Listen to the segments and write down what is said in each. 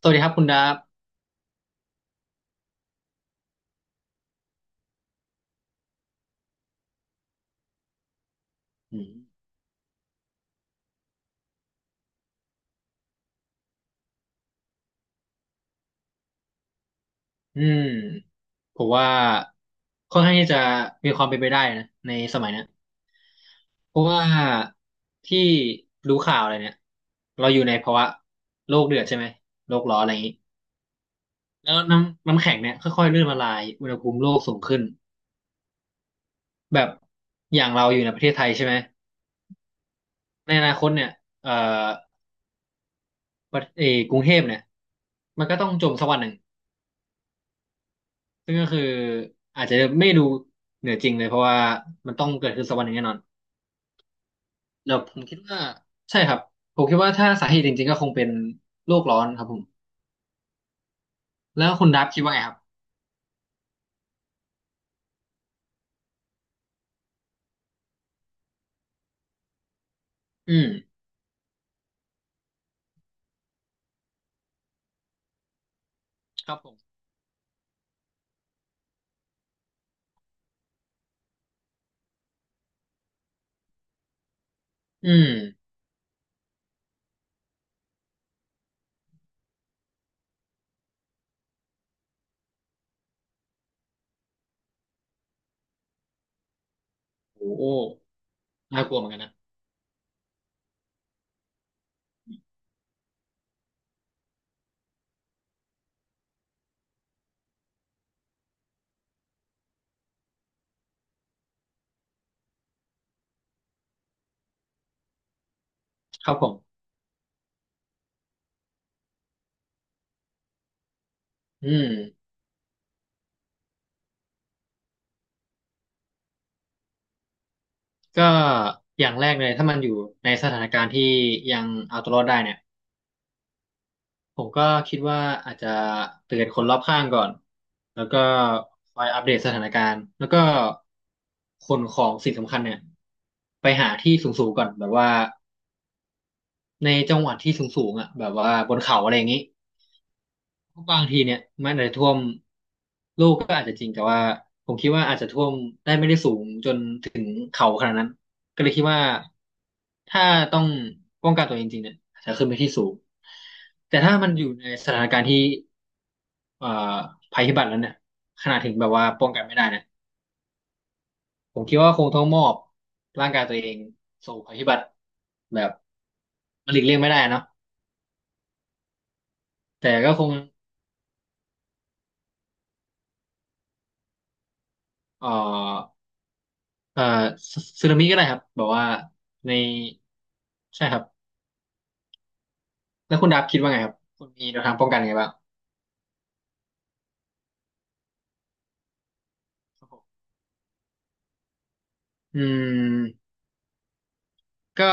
สวัสดีครับคุณดับอืมอืมผมว่าค่อนข้างที่จะมีความเป็นไปได้นะในสมัยเนี้ยเพราะว่าที่รู้ข่าวอะไรเนี่ยเราอยู่ในภาวะโลกเดือดใช่ไหมโลกร้อนอะไรอย่างนี้แล้วน้ำแข็งเนี่ยค่อยๆเลื่อนละลายอุณหภูมิโลกสูงขึ้นแบบอย่างเราอยู่ในประเทศไทยใช่ไหมในอนาคตเนี่ยเอ่อประเออกรุงเทพเนี่ยมันก็ต้องจมสักวันหนึ่งซึ่งก็คืออาจจะไม่ดูเหนือจริงเลยเพราะว่ามันต้องเกิดขึ้นสักวันหนึ่งแน่นอน เดี๋ยวผมคิดว่าใช่ครับผมคิดว่าถ้าสาเหตุจริงๆก็คงเป็นโลกร้อนครับผมแล้วคุณดับคิดว่าไงครับอืมครับผมอืมโอ้โหน่ากลัวเหมือนกันนะครับผมอืมก็อย่างแรกเลยถ้ามันอยู่ในสถานการณ์ที่ยังเอาตัวรอดได้เนี่ยผมก็คิดว่าอาจจะเตือนคนรอบข้างก่อนแล้วก็คอยอัปเดตสถานการณ์แล้วก็ขนของสิ่งสำคัญเนี่ยไปหาที่สูงๆก่อนแบบว่า ในจังหวัดที่สูงๆอ่ะแบบว่าบนเขาอะไรอย่างนี้บางทีเนี่ยมันอาจจะท่วมลูกก็อาจจะจริงแต่ว่าผมคิดว่าอาจจะท่วมได้ไม่ได้สูงจนถึงเขาขนาดนั้นก็เลยคิดว่าถ้าต้องป้องกันตัวเองจริงเนี่ยอาจจะขึ้นไปที่สูงแต่ถ้ามันอยู่ในสถานการณ์ที่เอ่อภัยพิบัติแล้วเนี่ยขนาดถึงแบบว่าป้องกันไม่ได้เนี่ยผมคิดว่าคงต้องมอบร่างกายตัวเองสู่ภัยพิบัติแบบมันหลีกเลี่ยงไม่ได้เนาะแต่ก็คง เอ่อเอ่อซึนามิก็ได้ครับแบบว่าในใช่ครับแล้วคุณดับคิดว่าไงครับคุณมีแนวทางป้องกันไงบ้างครับผมอืมก็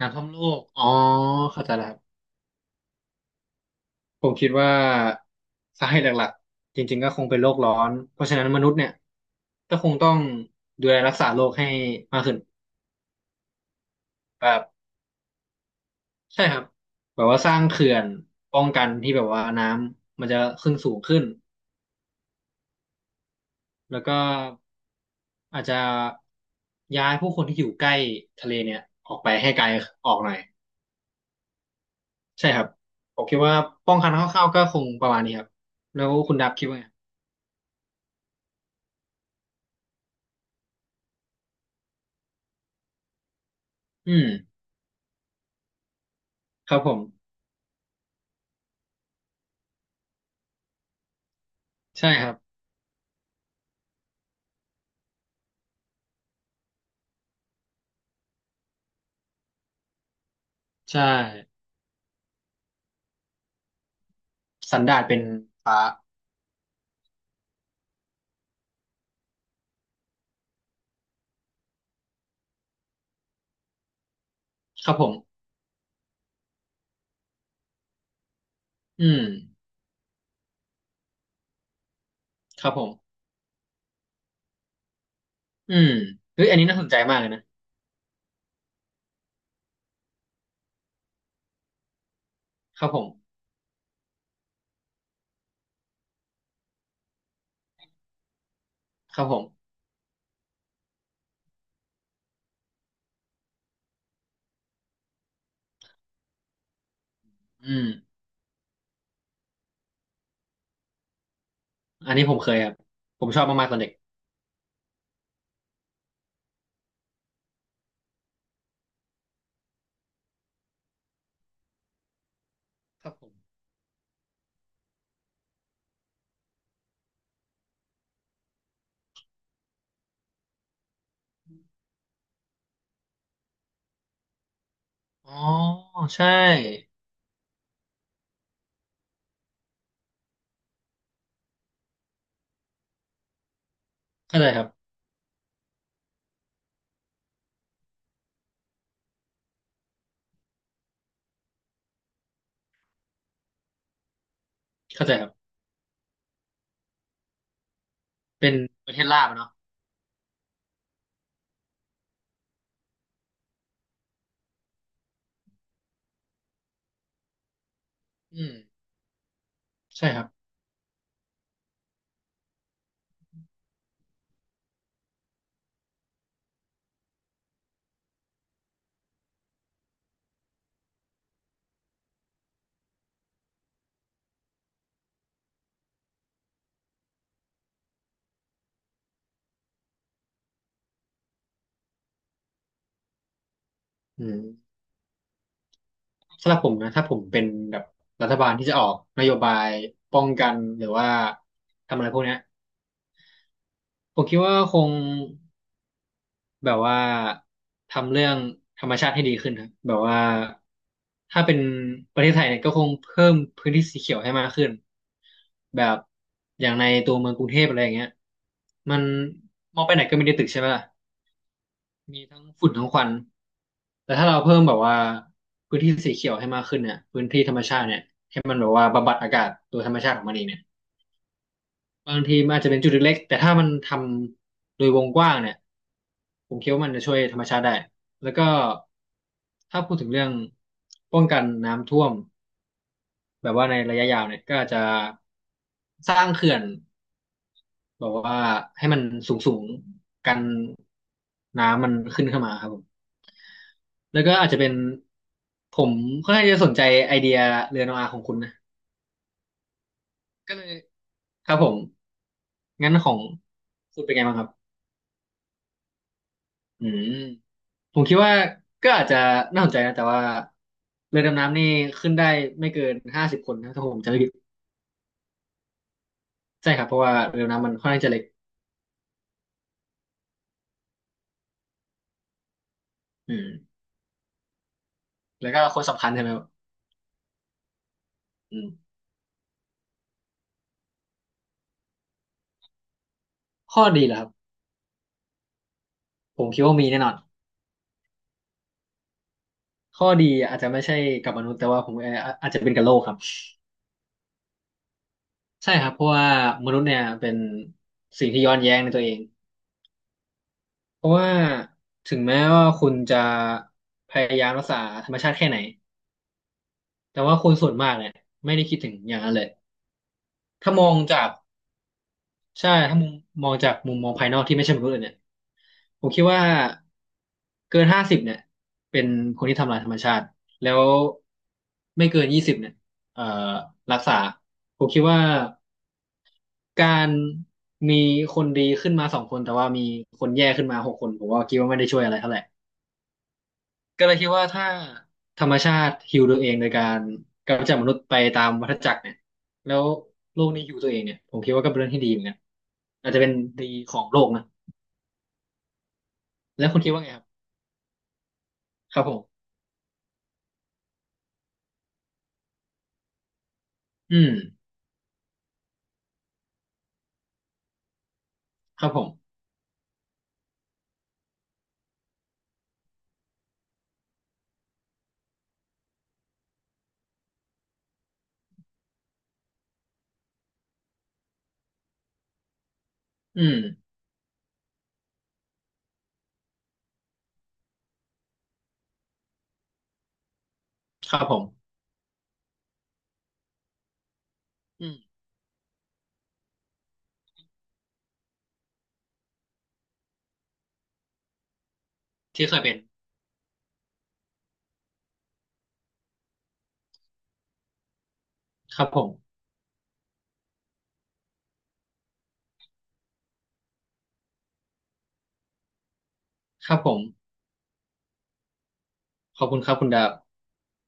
น้ำท่วมโลกอ๋อเข้าใจแล้วครับผมคิดว่าสาเหตุหลักๆจริงๆก็คงเป็นโลกร้อนเพราะฉะนั้นมนุษย์เนี่ยก็คงต้องดูแลรักษาโลกให้มากขึ้นแบบใช่ครับแบบว่าสร้างเขื่อนป้องกันที่แบบว่าน้ำมันจะขึ้นสูงขึ้น แล้วก็อาจจะย้ายผู้คนที่อยู่ใกล้ทะเลเนี่ยออกไปให้ไกลออกหน่อยใช่ครับผมคิดว่าป้องกันคร่าวๆก็คงประมาณนี้ครับแล้วคุณดับคิดว่าไงอืมครับผมใช่ครับใช่สันดาปเป็นฟ้าครับผมอืมครับผมอืมเฮ้ยอันนี้น่าสนใจมากเลยนะครับผมครับผมอืมอันนี้ผมเคยครับผมชอบมากๆตอนเด็กครับผมอ๋อใช่เข้าใจครับเข้าใจครับเป็นประเทศลาบอะเนาะ อืมใช่ครับอืมสำหรับผมนะถ้าผมเป็นแบบรัฐบาลที่จะออกนโยบายป้องกันหรือว่าทำอะไรพวกเนี้ยผมคิดว่าคงแบบว่าทำเรื่องธรรมชาติให้ดีขึ้นครับแบบว่าถ้าเป็นประเทศไทยเนี่ยก็คงเพิ่มพื้นที่สีเขียวให้มากขึ้นแบบอย่างในตัวเมืองกรุงเทพอะไรอย่างเงี้ยมันมองไปไหนก็มีแต่ตึกใช่ไหมล่ะ มีทั้งฝุ่นทั้งควันแต่ถ้าเราเพิ่มแบบว่าพื้นที่สีเขียวให้มากขึ้นเนี่ยพื้นที่ธรรมชาติเนี่ยให้มันแบบว่าบำบัดอากาศโดยธรรมชาติของมันเองเนี่ยบางทีมันอาจจะเป็นจุดเล็กๆแต่ถ้ามันทำโดยวงกว้างเนี่ยผมคิดว่ามันจะช่วยธรรมชาติได้แล้วก็ถ้าพูดถึงเรื่องป้องกันน้ำท่วมแบบว่าในระยะยาวเนี่ยก็อาจจะสร้างเขื่อนแบบว่าให้มันสูงๆกันน้ำมันขึ้นเข้ามาครับผม แล้วก็อาจจะเป็นผมค่อนข้างจะสนใจไอเดียเรือโนอาของคุณนะก็เลยครับผมงั้นของคุณเป็นไงบ้างครับอืมผมคิดว่าก็อาจจะน่าสนใจนะแต่ว่าเรือดำน้ำนี่ขึ้นได้ไม่เกินห้าสิบคนนะถ้าผมจำไม่ผิดใช่ครับเพราะว่าเรือดำน้ำมันค่อนข้างจะเล็กอืมแล้วก็คนสำคัญใช่ไหมครับอืมข้อดีเหรอครับผมคิดว่ามีแน่นอนข้อดีอาจจะไม่ใช่กับมนุษย์แต่ว่าผมอาจจะเป็นกับโลกครับ ใช่ครับเพราะว่ามนุษย์เนี่ยเป็นสิ่งที่ย้อนแย้งในตัวเองเพราะว่าถึงแม้ว่าคุณจะพยายามรักษาธรรมชาติแค่ไหนแต่ว่าคนส่วนมากเนี่ยไม่ได้คิดถึงอย่างนั้นเลยถ้ามองจากใช่ถ้ามุมมองจากมุมมองภายนอกที่ไม่ใช่มนุษย์เลยเนี่ยผมคิดว่าเกินห้าสิบเนี่ยเป็นคนที่ทำลายธรรมชาติแล้วไม่เกิน20เนี่ยเอ่อรักษาผมคิดว่า การมีคนดีขึ้นมา2 คนแต่ว่ามีคนแย่ขึ้นมา6 คนผมว่าคิดว่าไม่ได้ช่วยอะไรเท่าไหร่ก็เลยคิดว่าถ้าธรรมชาติฮีลตัวเองโดยการกำจัดมนุษย์ไปตามวัฏจักรเนี่ยแล้วโลกนี้ฮีลตัวเองเนี่ยผมคิดว่าก็เป็นเรื่องที่ดีเหมือนกันอาจจะเป็นดีของโลกนะแล้วคุณคิดว่าไงครับครับผมอืมครับผมอืมครับผมอืมที่เคยเป็นครับผมครับผมขอบคุณครับคุณดาบ